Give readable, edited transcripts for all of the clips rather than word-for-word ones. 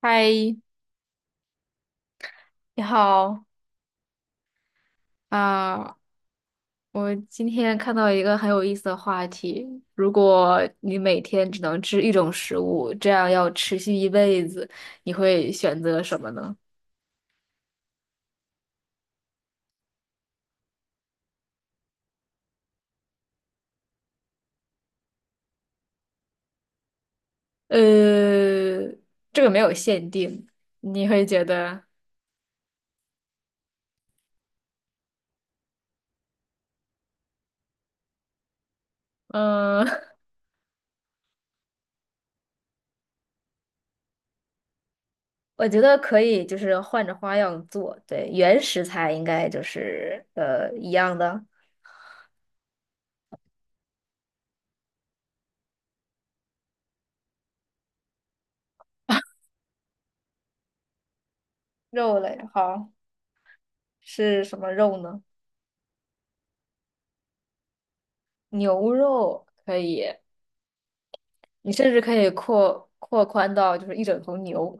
嗨，你好啊！我今天看到一个很有意思的话题：如果你每天只能吃一种食物，这样要持续一辈子，你会选择什么呢？呃，这个没有限定，你会觉得，嗯、我觉得可以，就是换着花样做。对，原食材应该就是一样的。肉类好，是什么肉呢？牛肉可以，你甚至可以扩宽到就是一整头牛。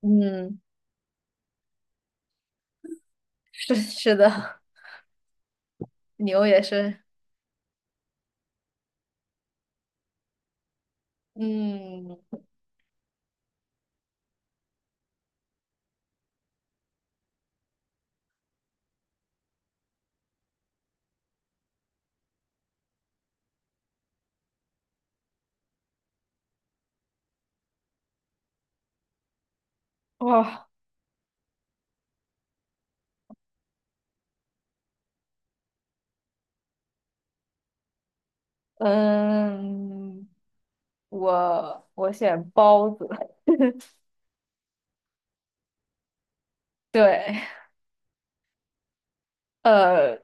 嗯，是的，牛也是。嗯，哇，嗯，我选包子。对，呃，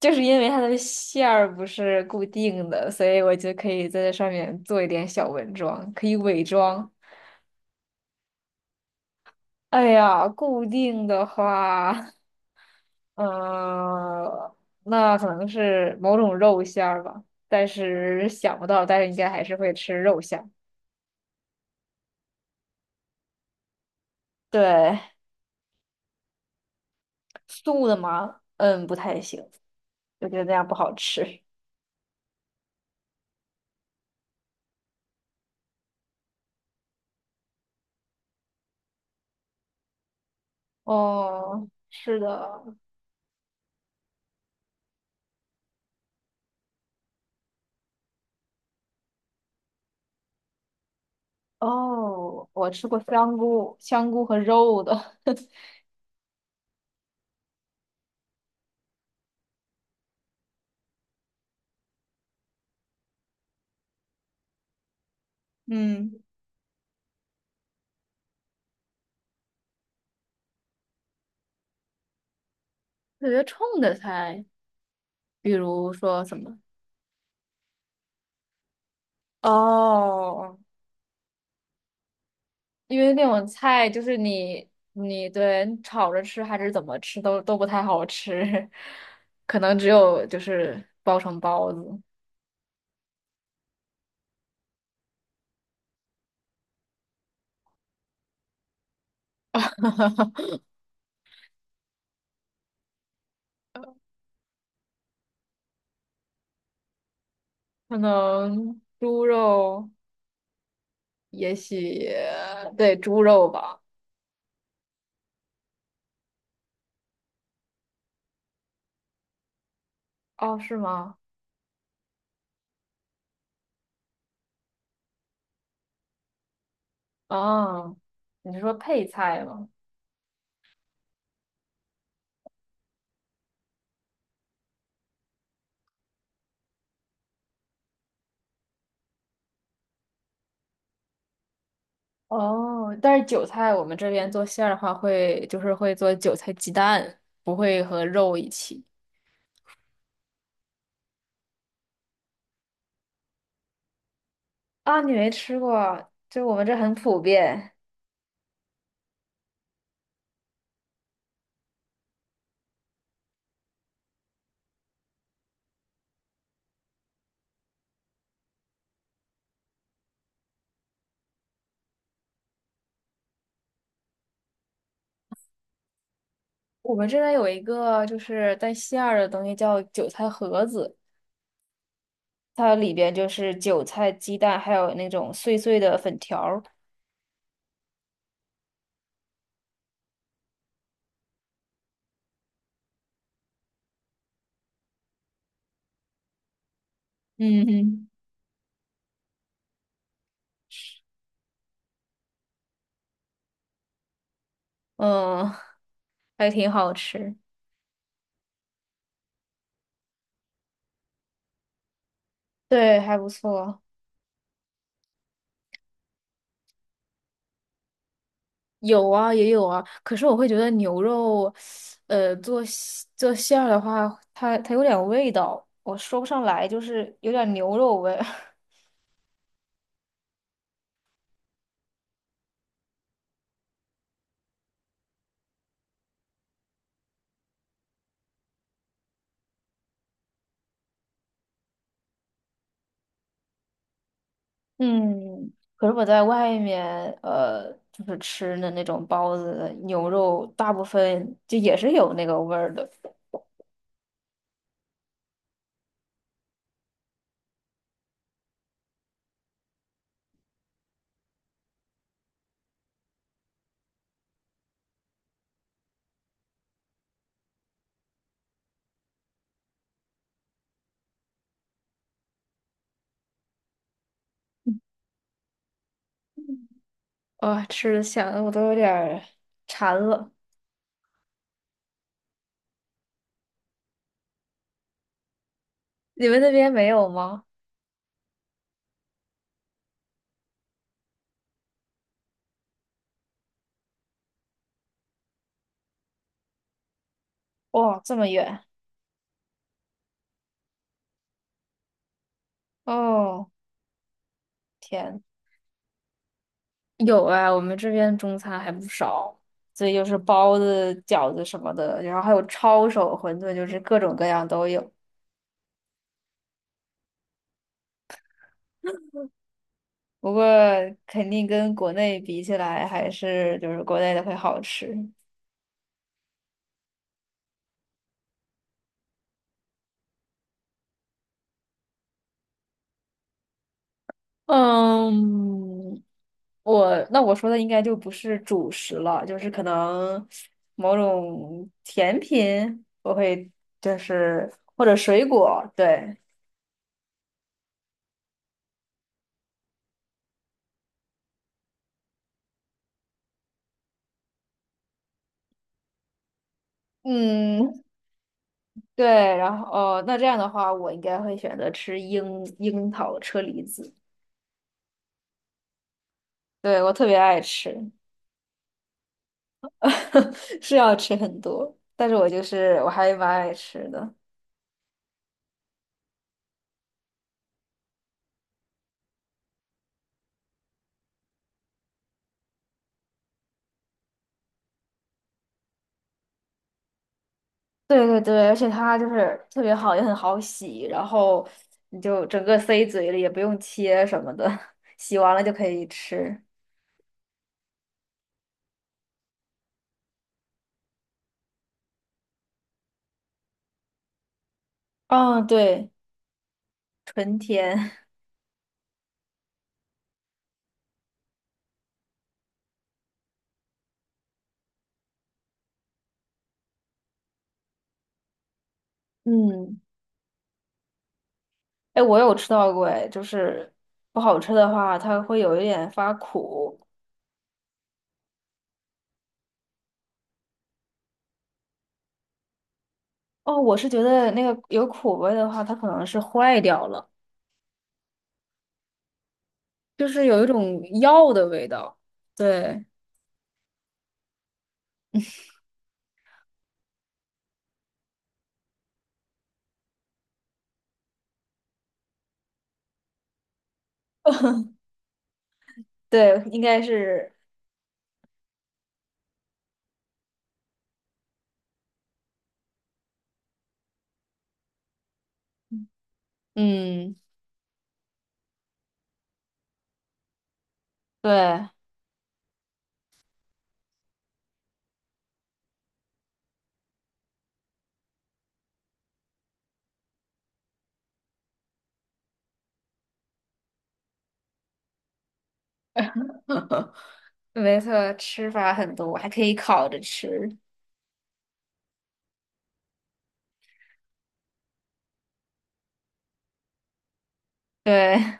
就是因为它的馅儿不是固定的，所以我就可以在这上面做一点小文装，可以伪装。哎呀，固定的话。嗯，那可能是某种肉馅儿吧，但是想不到，但是应该还是会吃肉馅儿。对，素的吗？嗯，不太行，我觉得那样不好吃。哦，是的。哦，我吃过香菇和肉的，嗯，特别冲的菜，比如说什么？哦，因为那种菜就是你炒着吃还是怎么吃都不太好吃，可能只有就是包成包子，可能猪肉，也许对猪肉吧。哦，是吗？哦，你是说配菜吗？哦，但是韭菜我们这边做馅儿的话会就是会做韭菜鸡蛋，不会和肉一起。啊，你没吃过，就我们这很普遍。我们这边有一个就是带馅儿的东西叫韭菜盒子，它里边就是韭菜、鸡蛋，还有那种碎碎的粉条儿。嗯哼，嗯，还挺好吃，对，还不错。有啊，也有啊，可是我会觉得牛肉，做馅儿的话，它有点味道，我说不上来，就是有点牛肉味。嗯，可是我在外面，就是吃的那种包子、牛肉，大部分就也是有那个味儿的。啊，吃的想的我都有点儿馋了。你们那边没有吗？哇、这么远。哦，天，有啊，我们这边中餐还不少，所以就是包子、饺子什么的，然后还有抄手、馄饨，就是各种各样都有。不过肯定跟国内比起来，还是就是国内的会好吃。嗯，我那我说的应该就不是主食了，就是可能某种甜品，我会就是或者水果，对，嗯，对，然后哦，那这样的话，我应该会选择吃樱桃车厘子，对，我特别爱吃，是要吃很多，但是我就是我还蛮爱吃的。对对对，而且它就是特别好，也很好洗，然后你就整个塞嘴里，也不用切什么的，洗完了就可以吃。哦，对，纯甜。嗯，哎，我有吃到过，哎，就是不好吃的话，它会有一点发苦。哦，我是觉得那个有苦味的话，它可能是坏掉了，就是有一种药的味道。对对，应该是，嗯，对。没错，吃法很多，还可以烤着吃。对，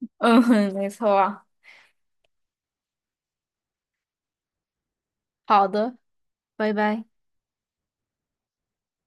嗯，没错。好的，拜拜。